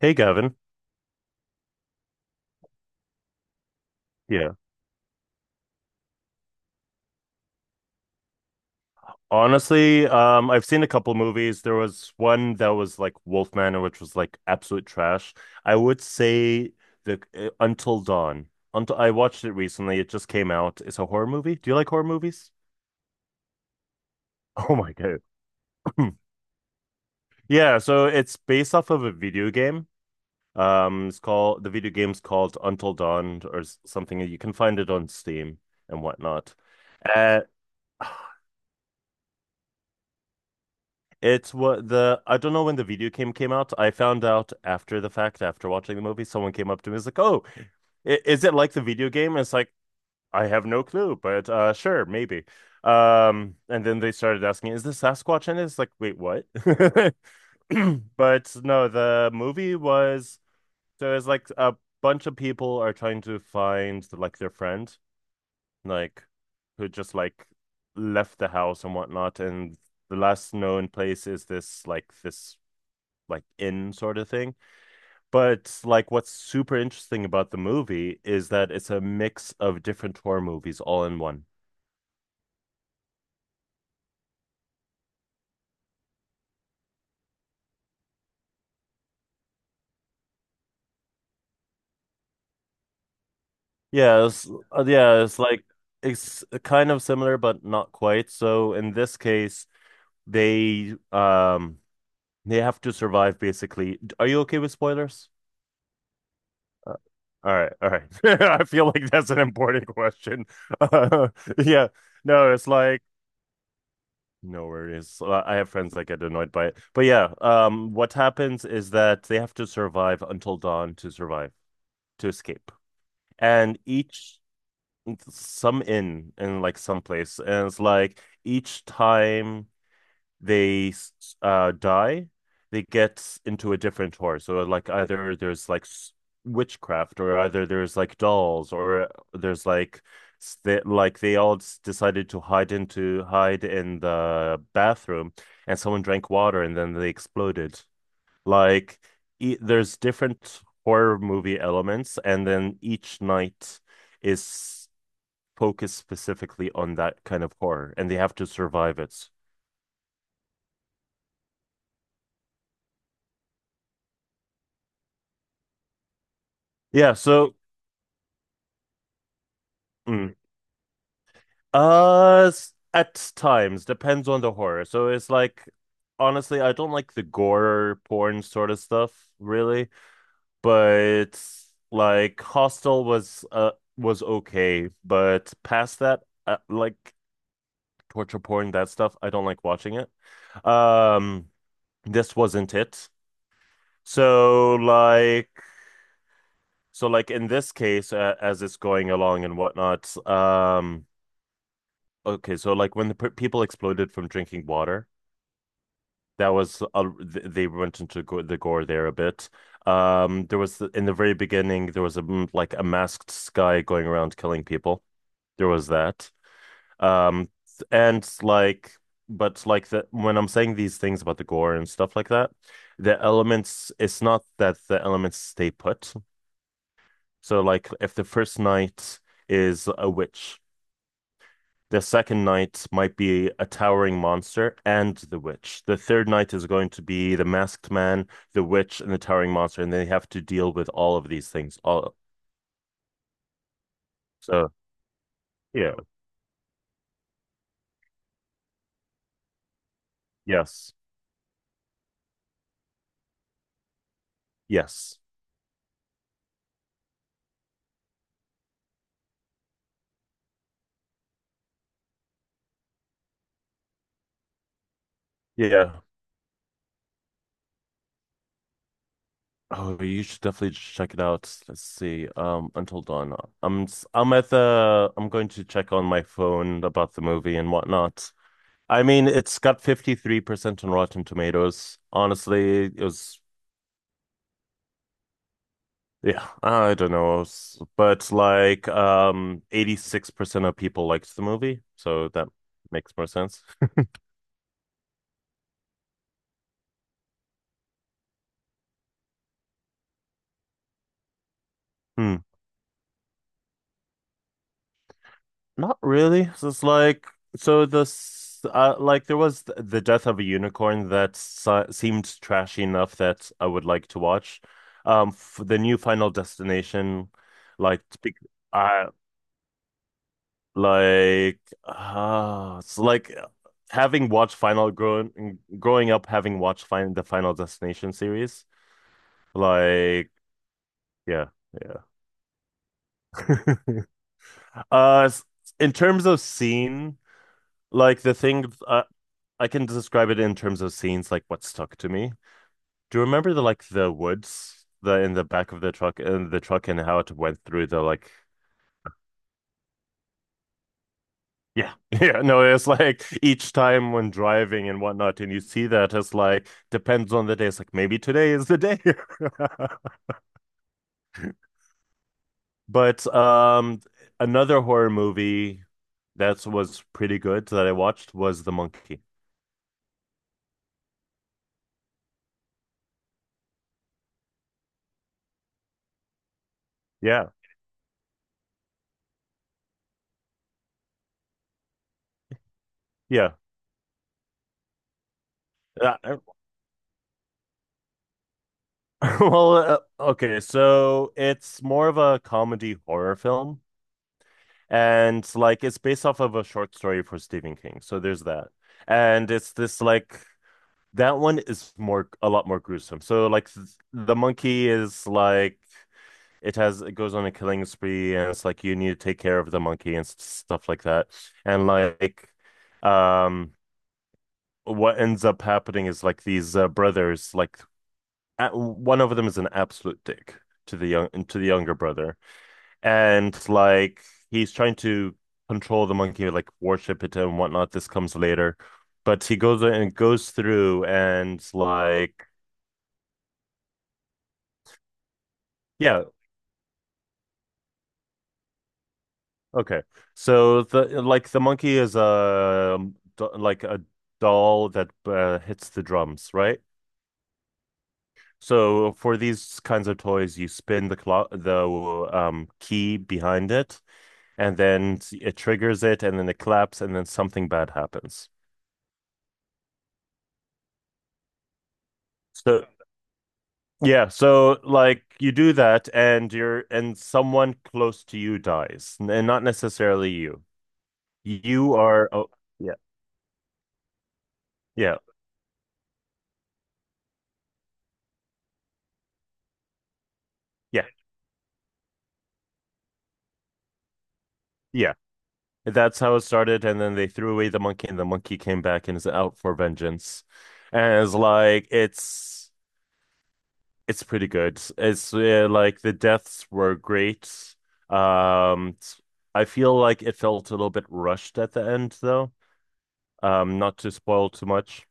Hey, Gavin. Yeah. Honestly, I've seen a couple movies. There was one that was like Wolfman, which was like absolute trash. I would say the Until Dawn. Until I watched it recently. It just came out. It's a horror movie. Do you like horror movies? Oh my God. Yeah, so it's based off of a video game. It's called the video game's called Until Dawn or something. You can find it on Steam and whatnot. Uh, It's what the I don't know when the video game came out. I found out after the fact, after watching the movie, someone came up to me and was like, "Oh, is it like the video game?" And it's like, I have no clue, but sure, maybe. And then they started asking, "Is the Sasquatch in it?" It's like, "Wait, what?" But no, the movie was so it's like a bunch of people are trying to find like their friend, like who just like left the house and whatnot, and the last known place is this like in sort of thing. But like what's super interesting about the movie is that it's a mix of different horror movies all in one. Yeah, it's, yeah, it's like it's kind of similar but not quite. So in this case, they um they have to survive basically. Are you okay with spoilers? Uh, All right, all right. I feel like that's an important question. Uh, yeah. No, it's like no worries. So I have friends that get annoyed by it. But yeah, what happens is that they have to survive until dawn to survive, to escape. And each some inn in like some place, and it's like each time they die, they get into a different horror. So like either there's like witchcraft, or either there's like dolls, or there's like s- they, like they all s- decided to hide into hide in the bathroom, and someone drank water, and then they exploded. Like e there's different horror movie elements, and then each night is focused specifically on that kind of horror, and they have to survive it. Yeah, so. Mm. At times, depends on the horror. So it's like, honestly, I don't like the gore porn sort of stuff, really. But like, Hostel was okay, but past that, like torture porn, that stuff, I don't like watching it. Um, this wasn't it. So like, so like in this case, as it's going along and whatnot, okay, so like when the p people exploded from drinking water. That was they went into go the gore there a bit. There was in the very beginning there was a like a masked guy going around killing people. There was that. Um, and like, but like the when I'm saying these things about the gore and stuff like that, the elements it's not that the elements stay put. So like if the first night is a witch. The second knight might be a towering monster and the witch. The third knight is going to be the masked man, the witch, and the towering monster, and they have to deal with all of these things. All so yeah, yes, yes, yeah. Oh, you should definitely check it out. Let's see. Until Dawn. I'm i I'm at the. I'm going to check on my phone about the movie and whatnot. I mean, it's got 53% on Rotten Tomatoes. Honestly, it was yeah, I don't know. But like 86% of people liked the movie, so that makes more sense. Hmm. Not really. So it's like so this like there was the death of a unicorn that si seemed trashy enough that I would like to watch. F The new Final Destination like I like ah it's like having watched Final growing growing up having watched fin the Final Destination series. Like, yeah, yeah. Uh, s- in terms of scene, like the thing, I can describe it in terms of scenes, like what stuck to me. Do you remember the like the woods, the in the back of the truck, in the truck, and how it went through the like, yeah, yeah. No, it's like each time when driving and whatnot, and you see that it's like depends on the day. It's like maybe today is the day. But another horror movie that was pretty good that I watched was The Monkey. Yeah, yeah. Uh, well, okay, so it's more of a comedy horror film, and like it's based off of a short story for Stephen King. So there's that, and it's this like that one is more a lot more gruesome. So like the monkey is like it has it goes on a killing spree, and it's like you need to take care of the monkey and stuff like that, and like um. What ends up happening is like these brothers, like one of them is an absolute dick to the younger brother, and like he's trying to control the monkey, like worship it and whatnot. This comes later, but he goes and goes through and like yeah, okay. So the like the monkey is a like a doll that hits the drums, right? So for these kinds of toys, you spin the clock, the key behind it and then it triggers it, and then it claps, and then something bad happens. So yeah, so like you do that, and you're and someone close to you dies, and not necessarily you. You are oh yeah, yeah, yeah, yeah. That's how it started, and then they threw away the monkey, and the monkey came back and is out for vengeance, and it's like it's. It's pretty good. It's like the deaths were great. Um, I feel like it felt a little bit rushed at the end, though. Not to spoil too much.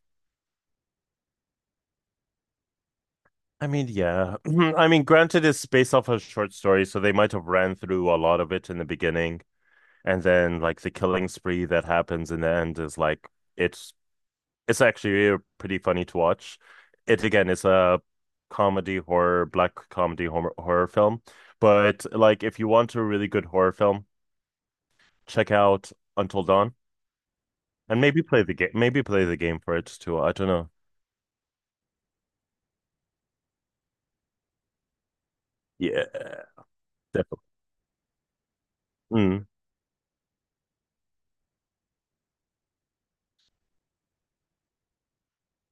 I mean, yeah. I mean, granted, it's based off a short story, so they might have ran through a lot of it in the beginning, and then like the killing spree that happens in the end is like it's It's actually pretty funny to watch. It again is a comedy horror, black comedy horror, horror film. But like, if you want a really good horror film, check out Until Dawn and maybe play the game. Maybe play the game for it too. I don't know. Yeah, definitely. Mm.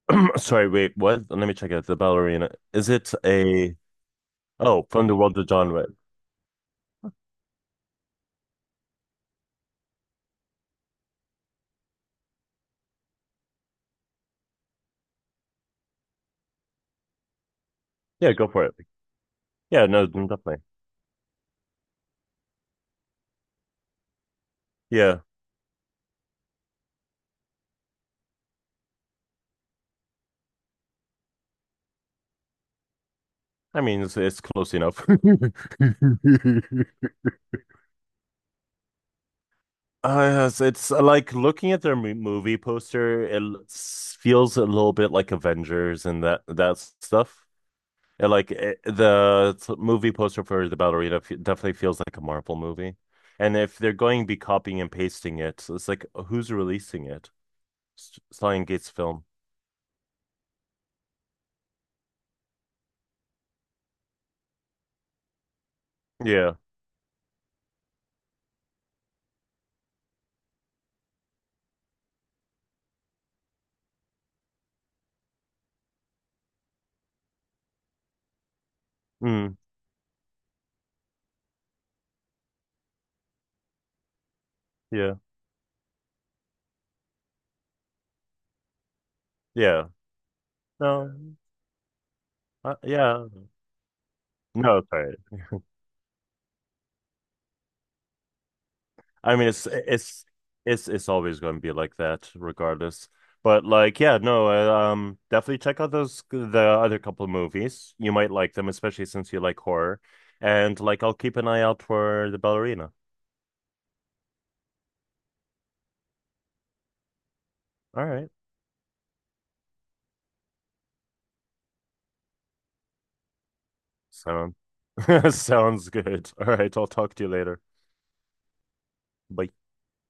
Sorry, wait, what? Let me check it. The ballerina. Is it a oh from the world of John Wick? Yeah, go for it. Yeah, no, definitely. Yeah, I mean it's close enough. Yes, it's like looking at their movie poster, it feels a little bit like Avengers and that stuff. And like it, the movie poster for the ballerina f definitely feels like a Marvel movie. And if they're going to be copying and pasting it, so it's like who's releasing it? Stan Gates film. Yeah. Mm, yeah. Yeah. No. Yeah. No, sorry. I mean, it's always going to be like that, regardless. But like, yeah, no, definitely check out those the other couple of movies. You might like them, especially since you like horror. And like, I'll keep an eye out for the ballerina. All right, sound sounds good. All right, I'll talk to you later. Bye.